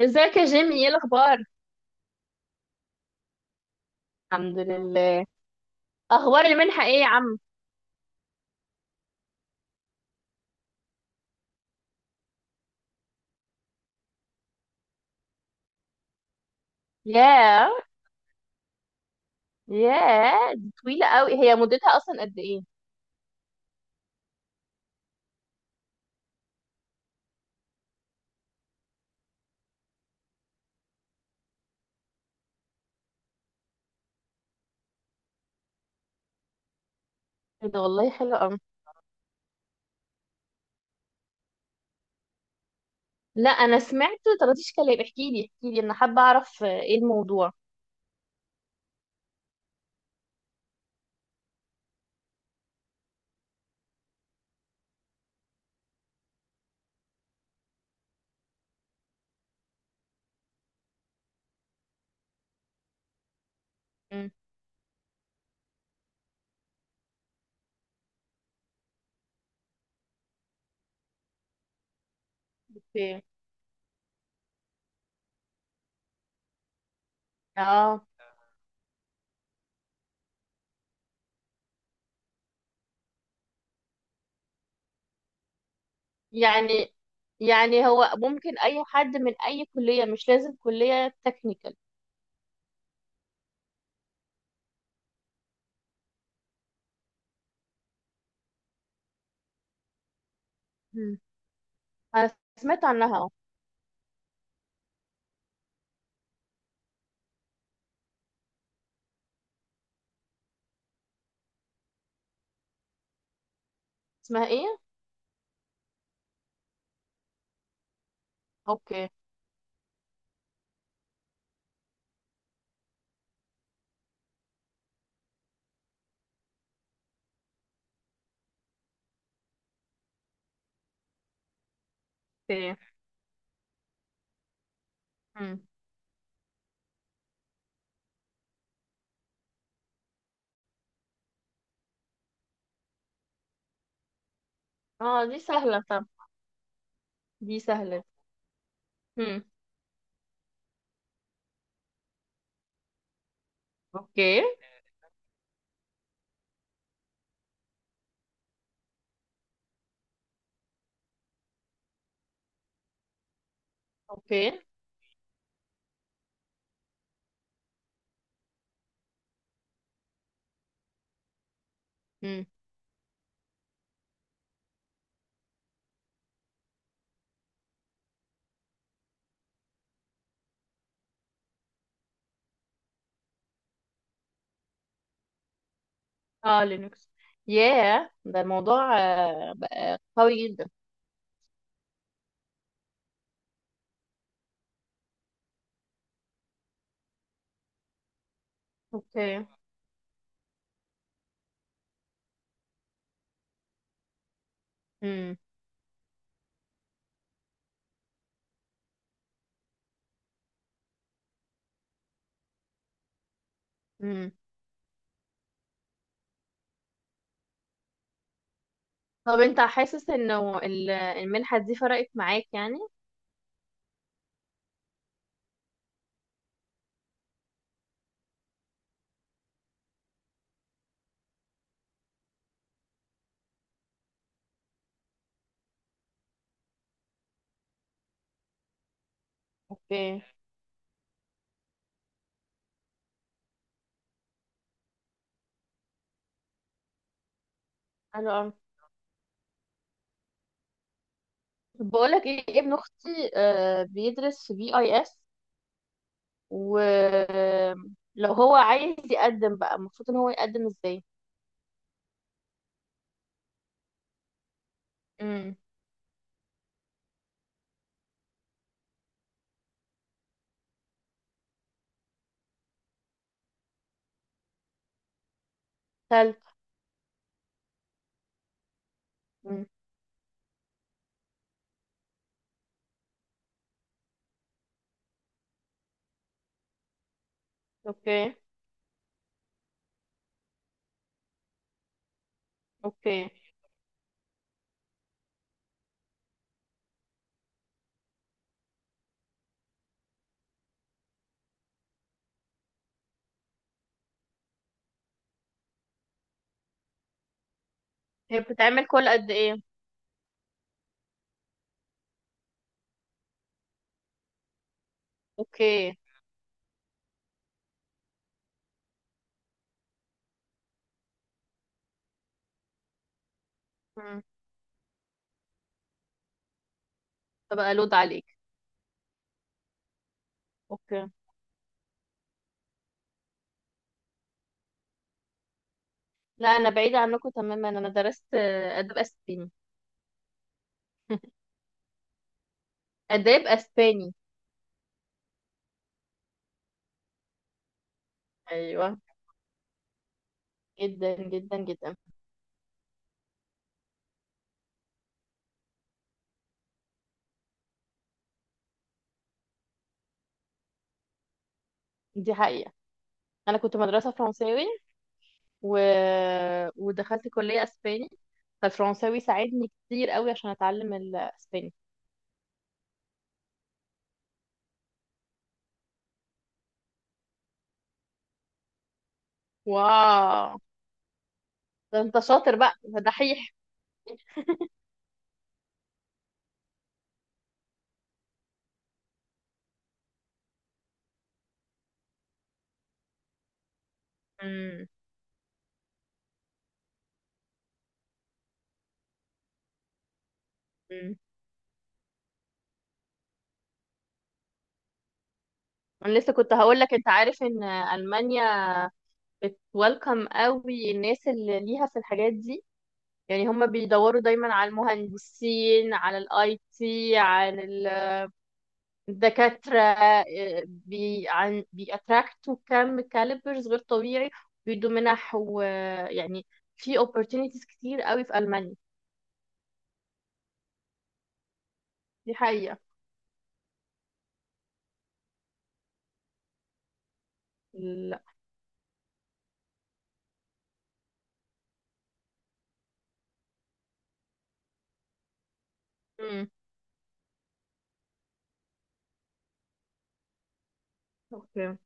ازيك يا جيمي، ايه الاخبار؟ الحمد لله. اخبار المنحه ايه يا عم؟ ياه. ياه دي طويله قوي، هي مدتها اصلا قد ايه؟ إيه ده، والله حلو قوي. لا انا سمعت طرطيش كلام، احكي لي احكي لي، انا حابه اعرف ايه الموضوع. مم، اوكي. اه. يعني يعني هو ممكن اي حد من اي كليه، مش لازم كليه تكنيكال؟ مم. انا سمعت عنها اه. اسمها ايه؟ اوكي. اوكي. مم. اه دي سهله طب. دي سهله. مم. اوكي. اوكي. امم. اه لينكس. ياه، ده الموضوع بقى قوي جدا. اوكي. امم. امم. طب انت حاسس انه المنحة دي فرقت معاك يعني؟ اوكي. حلو قوي. طب بقولك ايه، ابن اختي بيدرس في بي اي اس، ولو هو عايز يقدم بقى المفروض ان هو يقدم ازاي؟ امم. تالت. امم. اوكي. اوكي. هي بتتعمل كل قد ايه؟ اوكي. امم. فبقى لود عليك. اوكي. لا انا بعيدة عنكم تماما، انا درست اداب اسباني. اداب اسباني. ايوه. جدا جدا جدا. دي حقيقة. انا كنت مدرسة فرنساوي و... ودخلت كلية اسباني، فالفرنساوي ساعدني كتير قوي عشان اتعلم الاسباني. واو. ده انت شاطر بقى، ده دحيح. مم. مم. انا لسه كنت هقول لك، انت عارف ان المانيا بتويلكم قوي الناس اللي ليها في الحاجات دي؟ يعني هم بيدوروا دايما على المهندسين، على الاي تي، عن الدكاترة. بي عن بيأتراكتوا كم كاليبرز غير طبيعي، بيدوا منح ويعني في opportunities كتير قوي في ألمانيا. دي حقيقة. لا. امم. اوكي.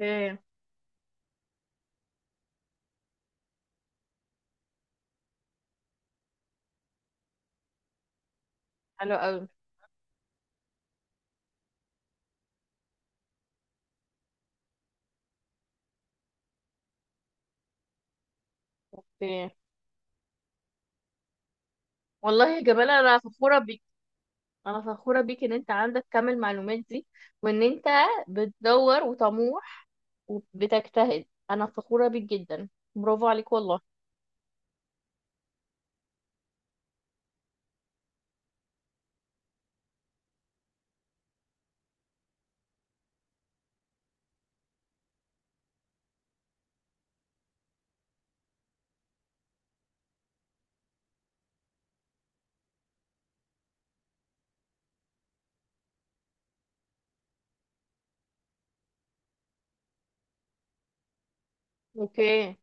اوكي. حلو قوي. اوكي. والله يا جمال انا فخورة بيك، انا فخورة بيك ان انت عندك كم المعلومات دي، وان انت بتدور وطموح وبتجتهد، انا فخورة بيك جدا. برافو عليك والله. اوكي.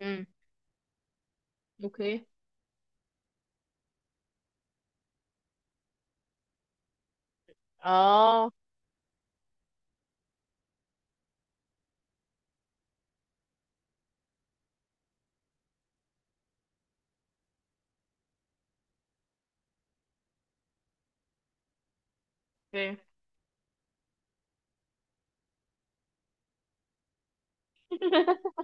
امم. اوكي. اه. اوكي.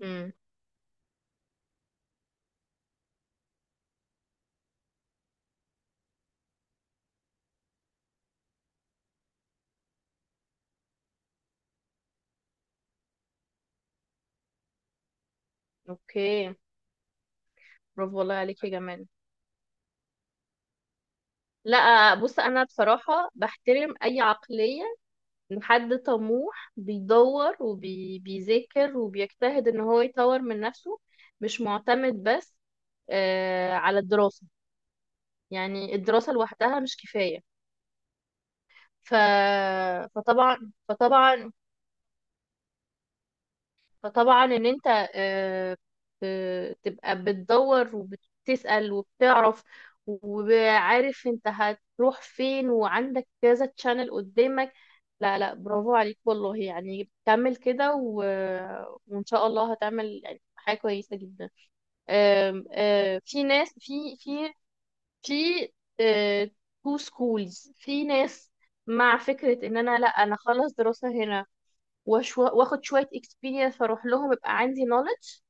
امم. اوكي. برافو والله عليك يا جمال. لا بص، انا بصراحة بحترم اي عقلية ان حد طموح بيدور وبيذاكر وبيجتهد ان هو يطور من نفسه، مش معتمد بس على الدراسة. يعني الدراسة لوحدها مش كفاية. ف... فطبعا فطبعا فطبعا ان انت آه، تبقى بتدور وبتسأل وبتعرف، وعارف انت هتروح فين، وعندك كذا تشانل قدامك. لا لا، برافو عليك والله، يعني كمل كده وان شاء الله هتعمل يعني حاجة كويسة جدا. آم، آه، في ناس في في تو سكولز، في ناس مع فكرة ان انا لا، انا اخلص دراسة هنا واخد شوية experience فاروح لهم يبقى عندي knowledge،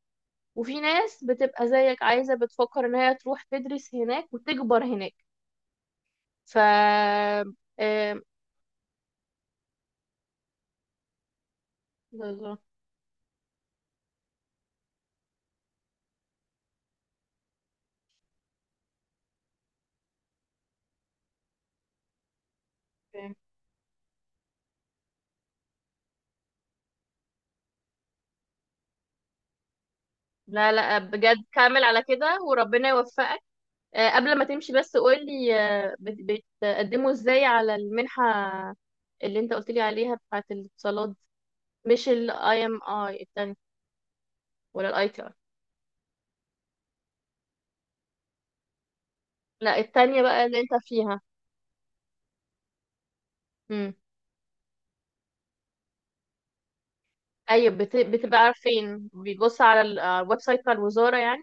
وفي ناس بتبقى زيك عايزة، بتفكر ان هي تروح تدرس هناك وتكبر هناك. ف آم، بالظبط. لا لا، بجد كمل على كده وربنا يوفقك. قبل ما تمشي بس قولي، بتقدموا ازاي على المنحة اللي انت قلت لي عليها، بتاعت الاتصالات؟ مش ال IMI التانية ولا ال ITI؟ لا التانية بقى اللي انت فيها. امم. ايوه، بتبقى عارفين بيبص على على الويب سايت بتاع الوزارة يعني؟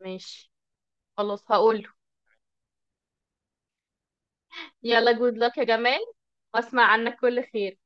ماشي، خلاص هقوله. يلا، جود لك يا جمال، واسمع عنك كل خير.